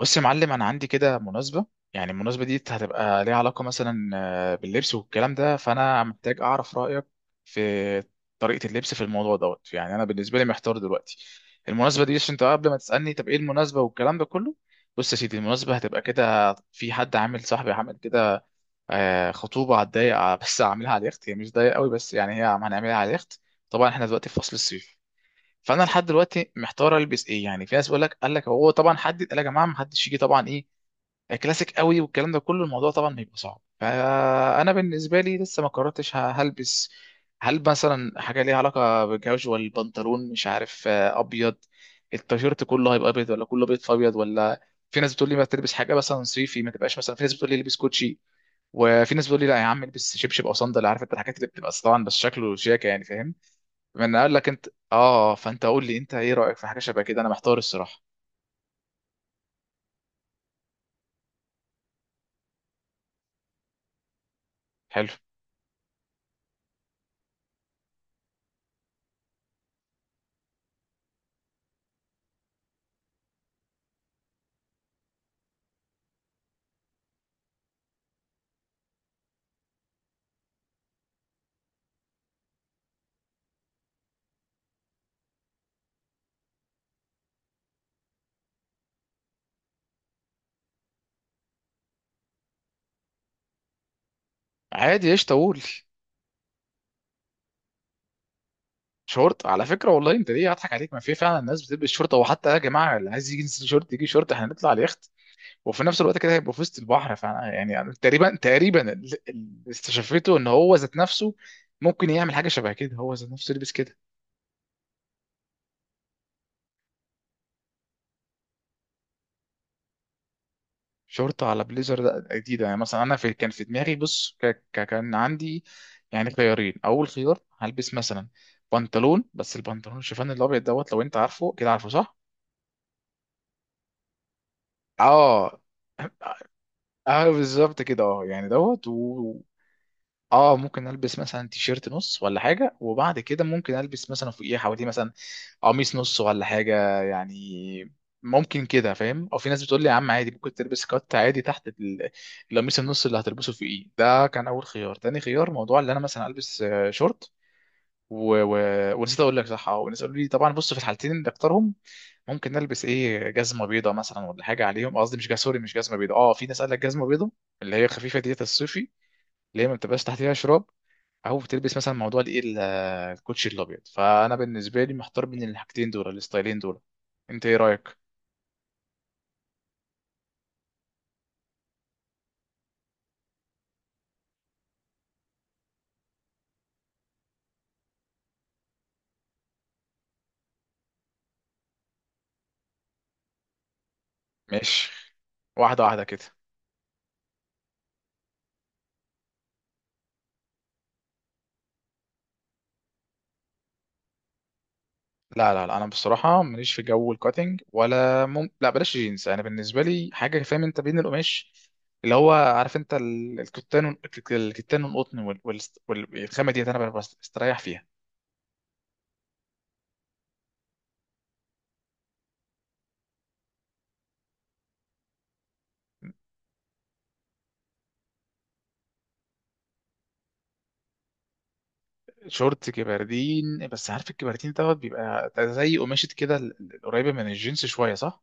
بص يا معلم انا عندي كده مناسبه. يعني المناسبه دي هتبقى ليها علاقه مثلا باللبس والكلام ده، فانا محتاج اعرف رايك في طريقه اللبس في الموضوع دوت. يعني انا بالنسبه لي محتار دلوقتي المناسبه دي، عشان انت قبل ما تسالني طب ايه المناسبه والكلام ده كله. بص يا سيدي، المناسبه هتبقى كده، في حد عامل صاحبي عامل كده، خطوبه على الضيق، بس عاملها على اليخت، هي مش ضيق قوي بس يعني هي هنعملها على اليخت. طبعا احنا دلوقتي في فصل الصيف، فانا لحد دلوقتي محتار البس ايه. يعني في ناس بيقول لك، قال لك هو طبعا حدد، قال يا جماعه ما حدش يجي طبعا ايه كلاسيك قوي والكلام ده كله، الموضوع طبعا هيبقى صعب، فانا بالنسبه لي لسه ما قررتش هلبس. هل مثلا حاجه ليها علاقه بالجوجوال، بنطلون مش عارف ابيض، التيشيرت كله هيبقى ابيض، ولا كله ابيض في ابيض، ولا في ناس بتقول لي ما تلبس حاجه مثلا صيفي ما تبقاش، مثلا في ناس بتقول لي البس كوتشي، وفي ناس بتقول لي لا يا عم البس شبشب او صندل، عارف انت الحاجات اللي بتبقى طبعا بس شكله شياكه، يعني فاهم. من قال لك انت، اه، فانت قول لي انت ايه رايك في حاجه شبه كده، انا محتار الصراحه. حلو. عادي ايش طول. شورت، على فكره والله انت ليه هضحك عليك، ما في فعلا ناس بتلبس شورت، او حتى يا جماعه اللي عايز يجي ينزل شورت يجي شورت، احنا هنطلع اليخت وفي نفس الوقت كده هيبقى في وسط البحر، فانا يعني أنا تقريبا اللي استشفيته ان هو ذات نفسه ممكن يعمل حاجه شبه كده، هو ذات نفسه لبس كده. شورت على بليزر ده جديده، يعني مثلا انا في كان في دماغي بص، كان عندي يعني خيارين. اول خيار هلبس مثلا بنطلون، بس البنطلون الشيفان الابيض دوت، لو انت عارفه كده، عارفه صح؟ اه. اه بالظبط كده، اه يعني دوت اه ممكن البس مثلا تيشيرت نص ولا حاجه، وبعد كده ممكن البس مثلا فوقيه حواليه مثلا قميص نص ولا حاجه يعني، ممكن كده فاهم. او في ناس بتقول لي يا عم عادي ممكن تلبس كات عادي تحت القميص النص اللي هتلبسه فوقيه، ده كان اول خيار. تاني خيار، موضوع اللي انا مثلا البس شورت. و... و... ونسيت اقول لك صح، اه، وناس قالوا لي طبعا، بص في الحالتين اللي اختارهم ممكن نلبس ايه، جزمه بيضه مثلا ولا حاجه عليهم، قصدي مش سوري مش جزمه بيضه، اه في ناس قال لك جزمه بيضه اللي هي خفيفه ديت الصيفي، اللي هي ما بتبقاش تحتها شراب، او بتلبس مثلا موضوع الايه الكوتشي الابيض. فانا بالنسبه لي محتار بين الحاجتين دول، الستايلين دول، انت ايه رايك؟ ماشي، واحده واحده كده. لا لا لا، انا بصراحه ماليش في جو الكاتنج ولا لا بلاش جينز، انا بالنسبه لي حاجه، فاهم انت بين القماش اللي هو عارف انت الكتان الكتان والقطن والخامه ديت انا بستريح فيها. شورت كبردين، بس عارف الكبردين دوت بيبقى زي قماشة كده القريبة من الجينز شوية صح؟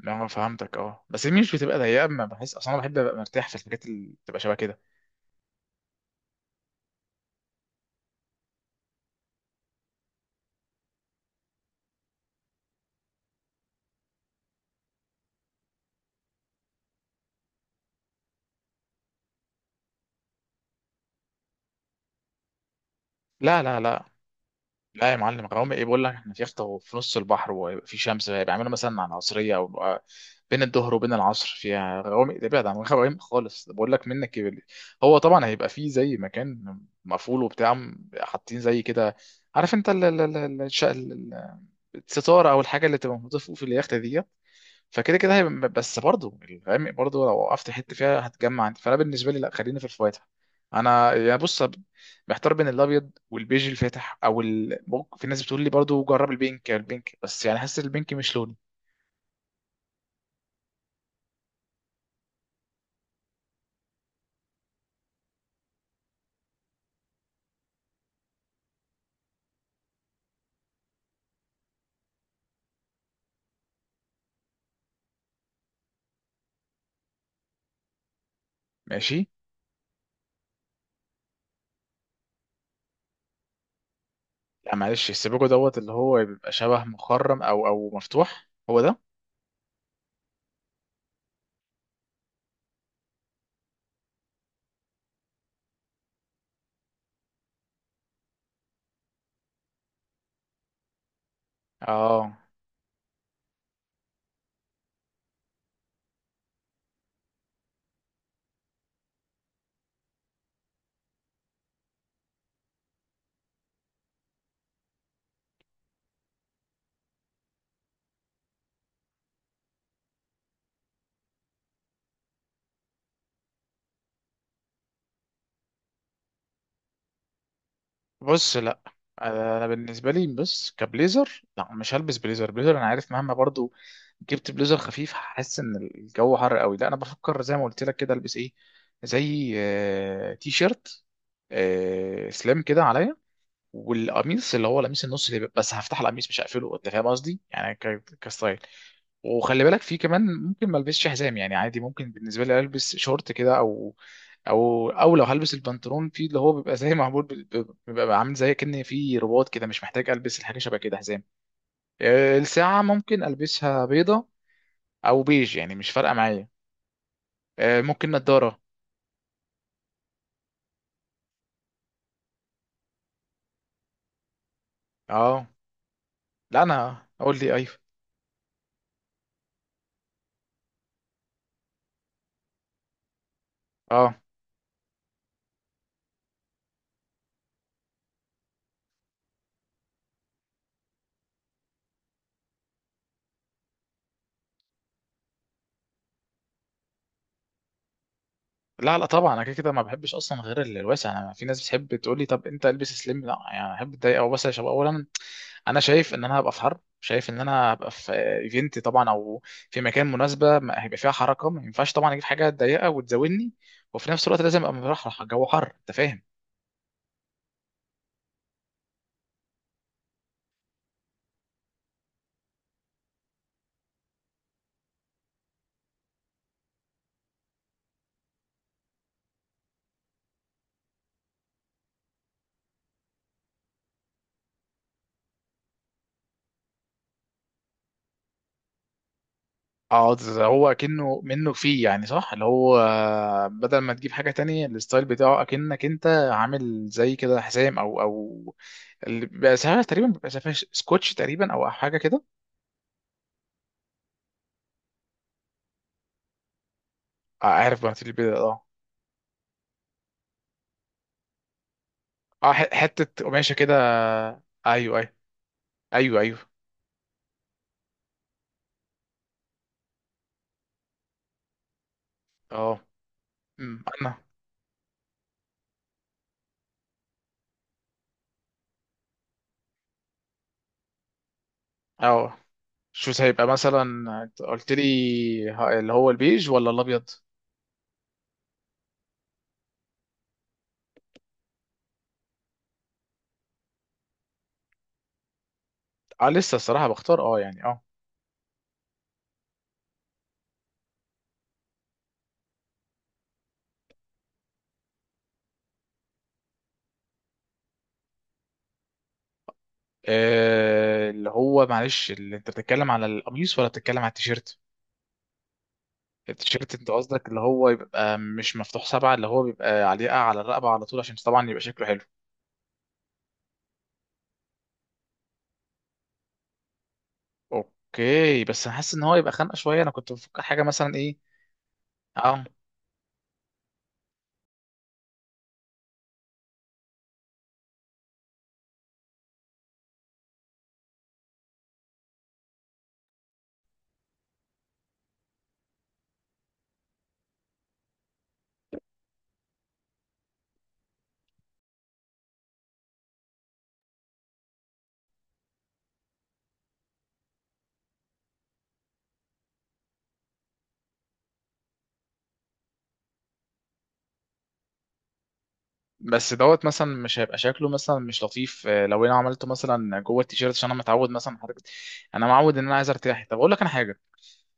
لا فهمتك، اه بس هي مش بتبقى ضيقة، ما بحس اصلا، انا بحب ابقى مرتاح في الحاجات اللي بتبقى شبه كده. لا لا لا لا، يا معلم غرام ايه، بقول لك احنا في يخت في نص البحر وفي شمس، بيعملوا مثلا على العصرية او بقى بين الظهر وبين العصر فيها غرام، ده ابعد عن غرام خالص بقول لك، منك كبر. هو طبعا هيبقى فيه زي مكان مقفول وبتاع، حاطين زي كده، عارف انت، الستاره او الحاجه اللي تبقى موجوده فوق في اليخت دي، فكده كده هيبقى، بس برضه الغامق برضه لو وقفت حته فيها هتجمع انت، فانا بالنسبه لي لا، خلينا في الفواتح. انا يعني بص، محتار بين الابيض والبيج الفاتح، في ناس بتقول لي برضه جرب البينك بس يعني حاسس البينك مش لوني. ماشي. لا معلش، السيبوجو دوت اللي هو بيبقى شبه مخرم او مفتوح، هو ده. اه، بص لا، انا بالنسبه لي بص، كبليزر لا مش هلبس بليزر انا عارف مهما برضو جبت بليزر خفيف هحس ان الجو حر قوي، لا انا بفكر زي ما قلت لك كده، البس ايه، زي تي شيرت سليم كده عليا، والقميص اللي هو القميص النص اللي بس هفتح القميص مش هقفله انت فاهم قصدي، يعني كستايل. وخلي بالك في كمان ممكن ما البسش حزام، يعني عادي ممكن بالنسبه لي البس شورت كده او لو هلبس البنطلون في اللي هو بيبقى زي معمول بيبقى عامل زي كأن في رباط كده، مش محتاج البس الحاجه شبه كده حزام. الساعه ممكن البسها بيضه او بيج يعني مش فارقه معايا. ممكن نضاره. اه لا، انا اقول لي ايوه. اه. لا لا طبعا، انا كده كده ما بحبش اصلا غير الواسع، انا في ناس بتحب تقول لي طب انت البس سليم، لا يعني احب اتضايق او بس شباب اولا. انا شايف ان انا هبقى في حرب، شايف ان انا هبقى في ايفنت طبعا، او في مكان مناسبه هيبقى فيها حركه، ما ينفعش طبعا اجيب حاجه ضيقه وتزودني، وفي نفس الوقت لازم ابقى مرحرح، جو حر انت فاهم. اه، ده هو اكنه منه فيه يعني صح، اللي هو بدل ما تجيب حاجه تانية الستايل بتاعه اكنك انت عامل زي كده حزام او، اللي بيبقى ساعات تقريبا، بيبقى ساعات سكوتش تقريبا او حاجه كده. عارف بقى اللي اه، اه حته قماشه كده. ايوه ايوه. ايوه ايوه. اه. انا. اه. شوز هيبقى مثلا. أنت قلت لي اللي هو البيج ولا الابيض. اه لسه الصراحه بختار، اه يعني اه. اللي هو معلش، اللي انت بتتكلم على القميص ولا بتتكلم على التيشيرت. التيشيرت انت قصدك اللي هو يبقى مش مفتوح سبعة، اللي هو بيبقى عليقة على الرقبة على طول عشان طبعا يبقى شكله حلو. اوكي، بس انا حاسس ان هو يبقى خانقة شوية، انا كنت بفكر حاجة مثلا ايه. اه. بس دوت مثلا مش هيبقى شكله مثلا مش لطيف، لو انا عملته مثلا جوه التيشيرت، عشان انا متعود مثلا حضرتك، انا معود ان انا عايز ارتاح، طب اقول لك انا حاجه،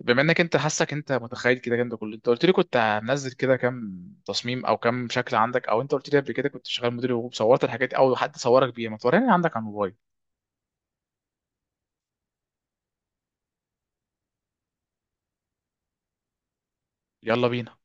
بما انك انت حاسك انت متخيل كده كده كله انت قلت لي كنت هنزل كده كام تصميم او كام شكل عندك، او انت قلت لي قبل كده كنت شغال مدير وصورت الحاجات دي او حد صورك بيها، ما توريني عندك على الموبايل. يلا بينا.